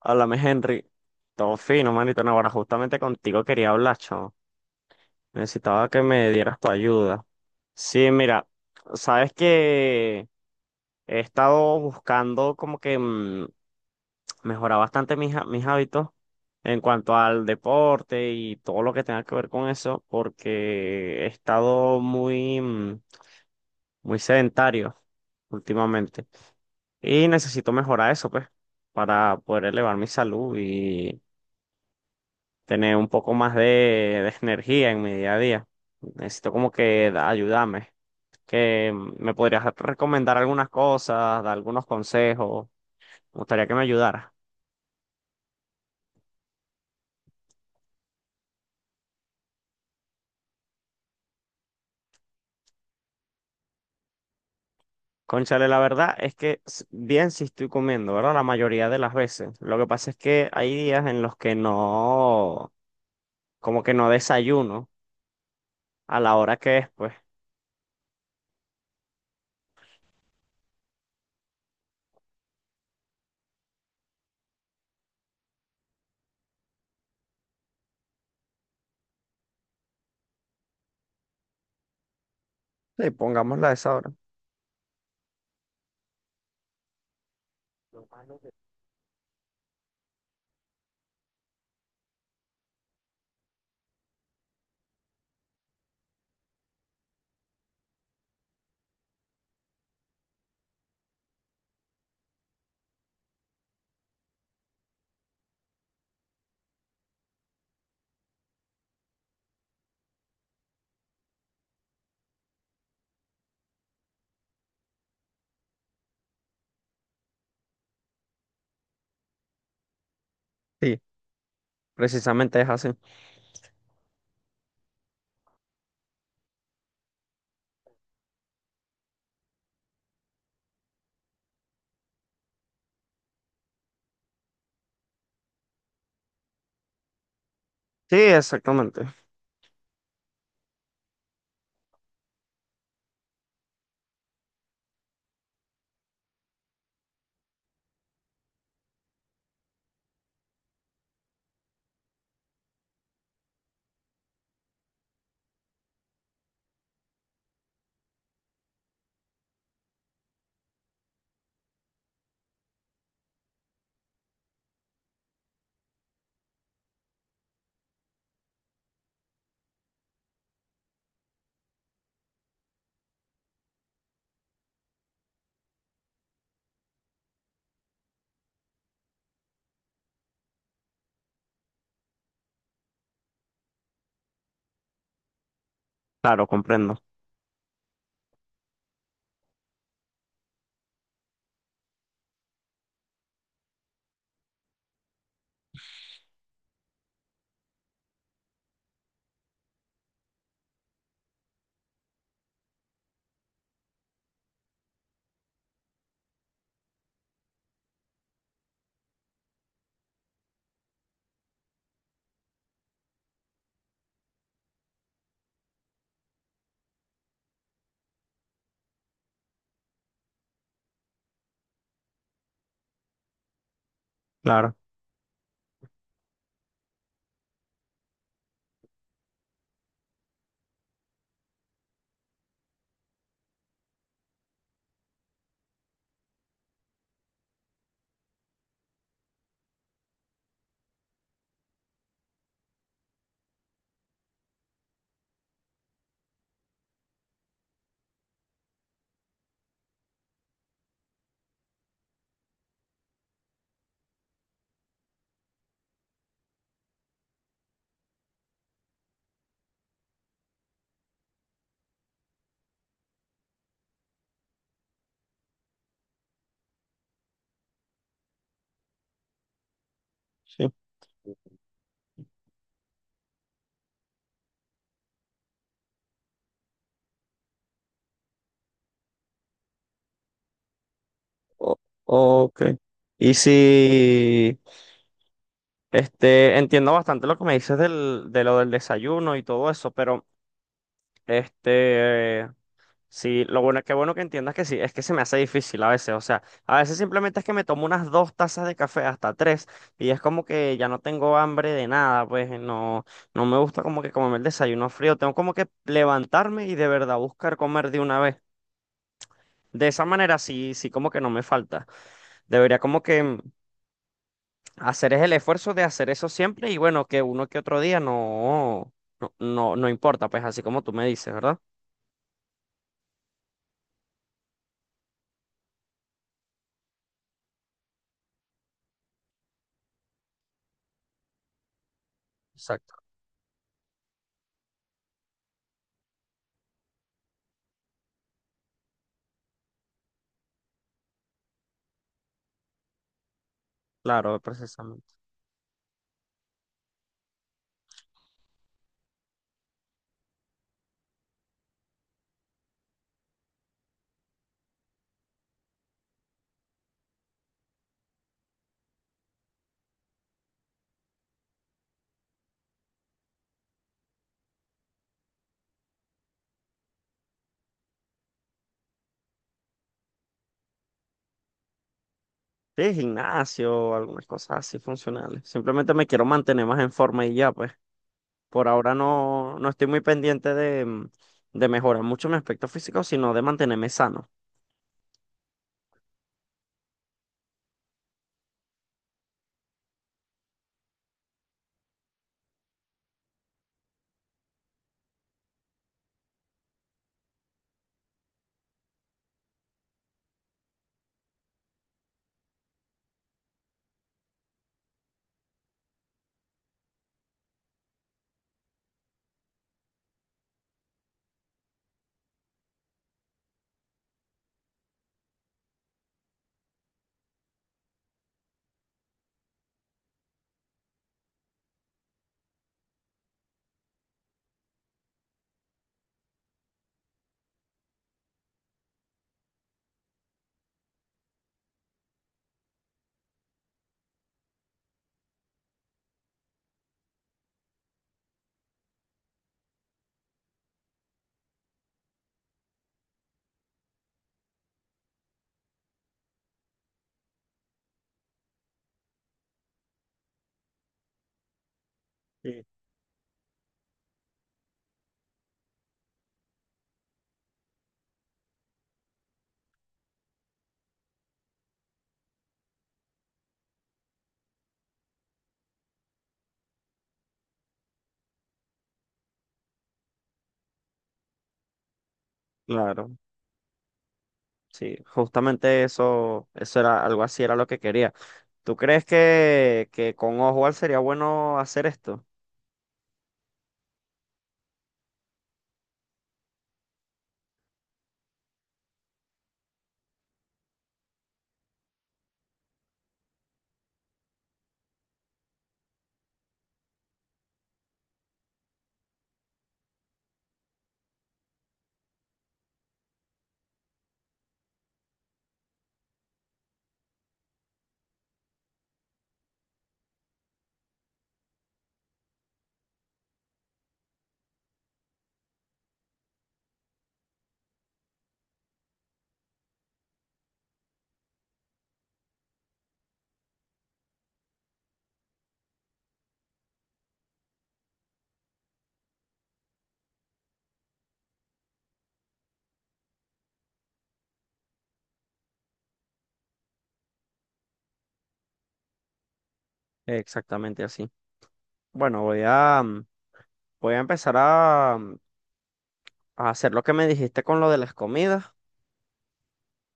Háblame, Henry. Todo fino, manito. No, ahora justamente contigo quería hablar, chamo. Necesitaba que me dieras tu ayuda. Sí, mira, sabes que he estado buscando mejorar bastante mis hábitos en cuanto al deporte y todo lo que tenga que ver con eso, porque he estado muy sedentario últimamente. Y necesito mejorar eso, pues, para poder elevar mi salud tener un poco más de energía en mi día a día. Necesito ayudarme. Que me podrías recomendar algunas cosas, dar algunos consejos. Me gustaría que me ayudara. Cónchale, la verdad es que bien si estoy comiendo, ¿verdad? La mayoría de las veces. Lo que pasa es que hay días en los que no, como que no desayuno a la hora que es, pues. Sí, pongámosla a esa hora. Sí, precisamente es así. Sí, exactamente. Claro, comprendo. Claro. Sí. O- ok. Y si, este, entiendo bastante lo que me dices de lo del desayuno y todo eso, pero, este, sí, lo bueno, qué bueno que entiendas que sí, es que se me hace difícil a veces, o sea, a veces simplemente es que me tomo unas dos tazas de café, hasta tres, y es como que ya no tengo hambre de nada, pues, no, no me gusta como que comerme el desayuno frío, tengo como que levantarme y de verdad buscar comer de una vez. De esa manera sí, sí como que no me falta. Debería como que hacer es el esfuerzo de hacer eso siempre y bueno, que uno que otro día no importa, pues así como tú me dices, ¿verdad? Exacto. Claro, precisamente. Sí, gimnasio, algunas cosas así funcionales. Simplemente me quiero mantener más en forma y ya, pues. Por ahora no, no estoy muy pendiente de mejorar mucho mi aspecto físico, sino de mantenerme sano. Sí. Claro, sí, justamente eso, eso era algo así, era lo que quería. ¿Tú crees que con Oswald sería bueno hacer esto? Exactamente así. Bueno, voy a empezar a hacer lo que me dijiste con lo de las comidas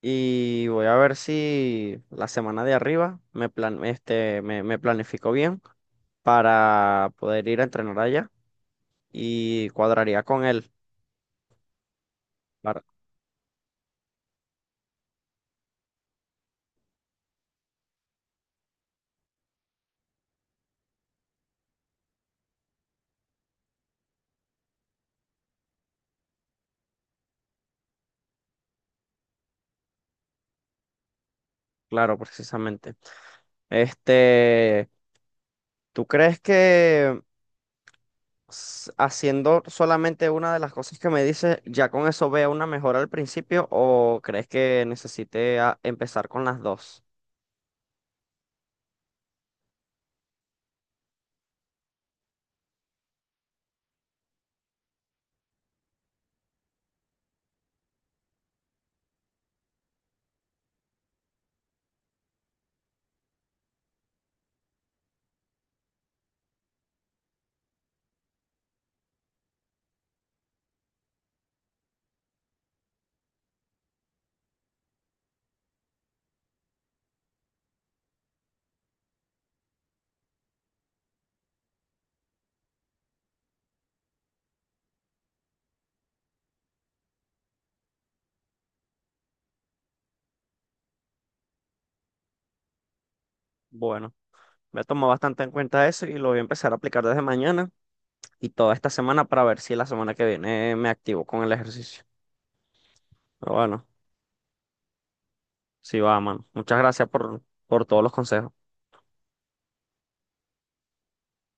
y voy a ver si la semana de arriba me planifico bien para poder ir a entrenar allá y cuadraría con él. para- claro, precisamente. Este, ¿tú crees que haciendo solamente una de las cosas que me dices, ya con eso vea una mejora al principio o crees que necesite empezar con las dos? Bueno. Me tomo bastante en cuenta eso y lo voy a empezar a aplicar desde mañana y toda esta semana para ver si la semana que viene me activo con el ejercicio. Pero bueno, sí va, mano. Muchas gracias por todos los consejos.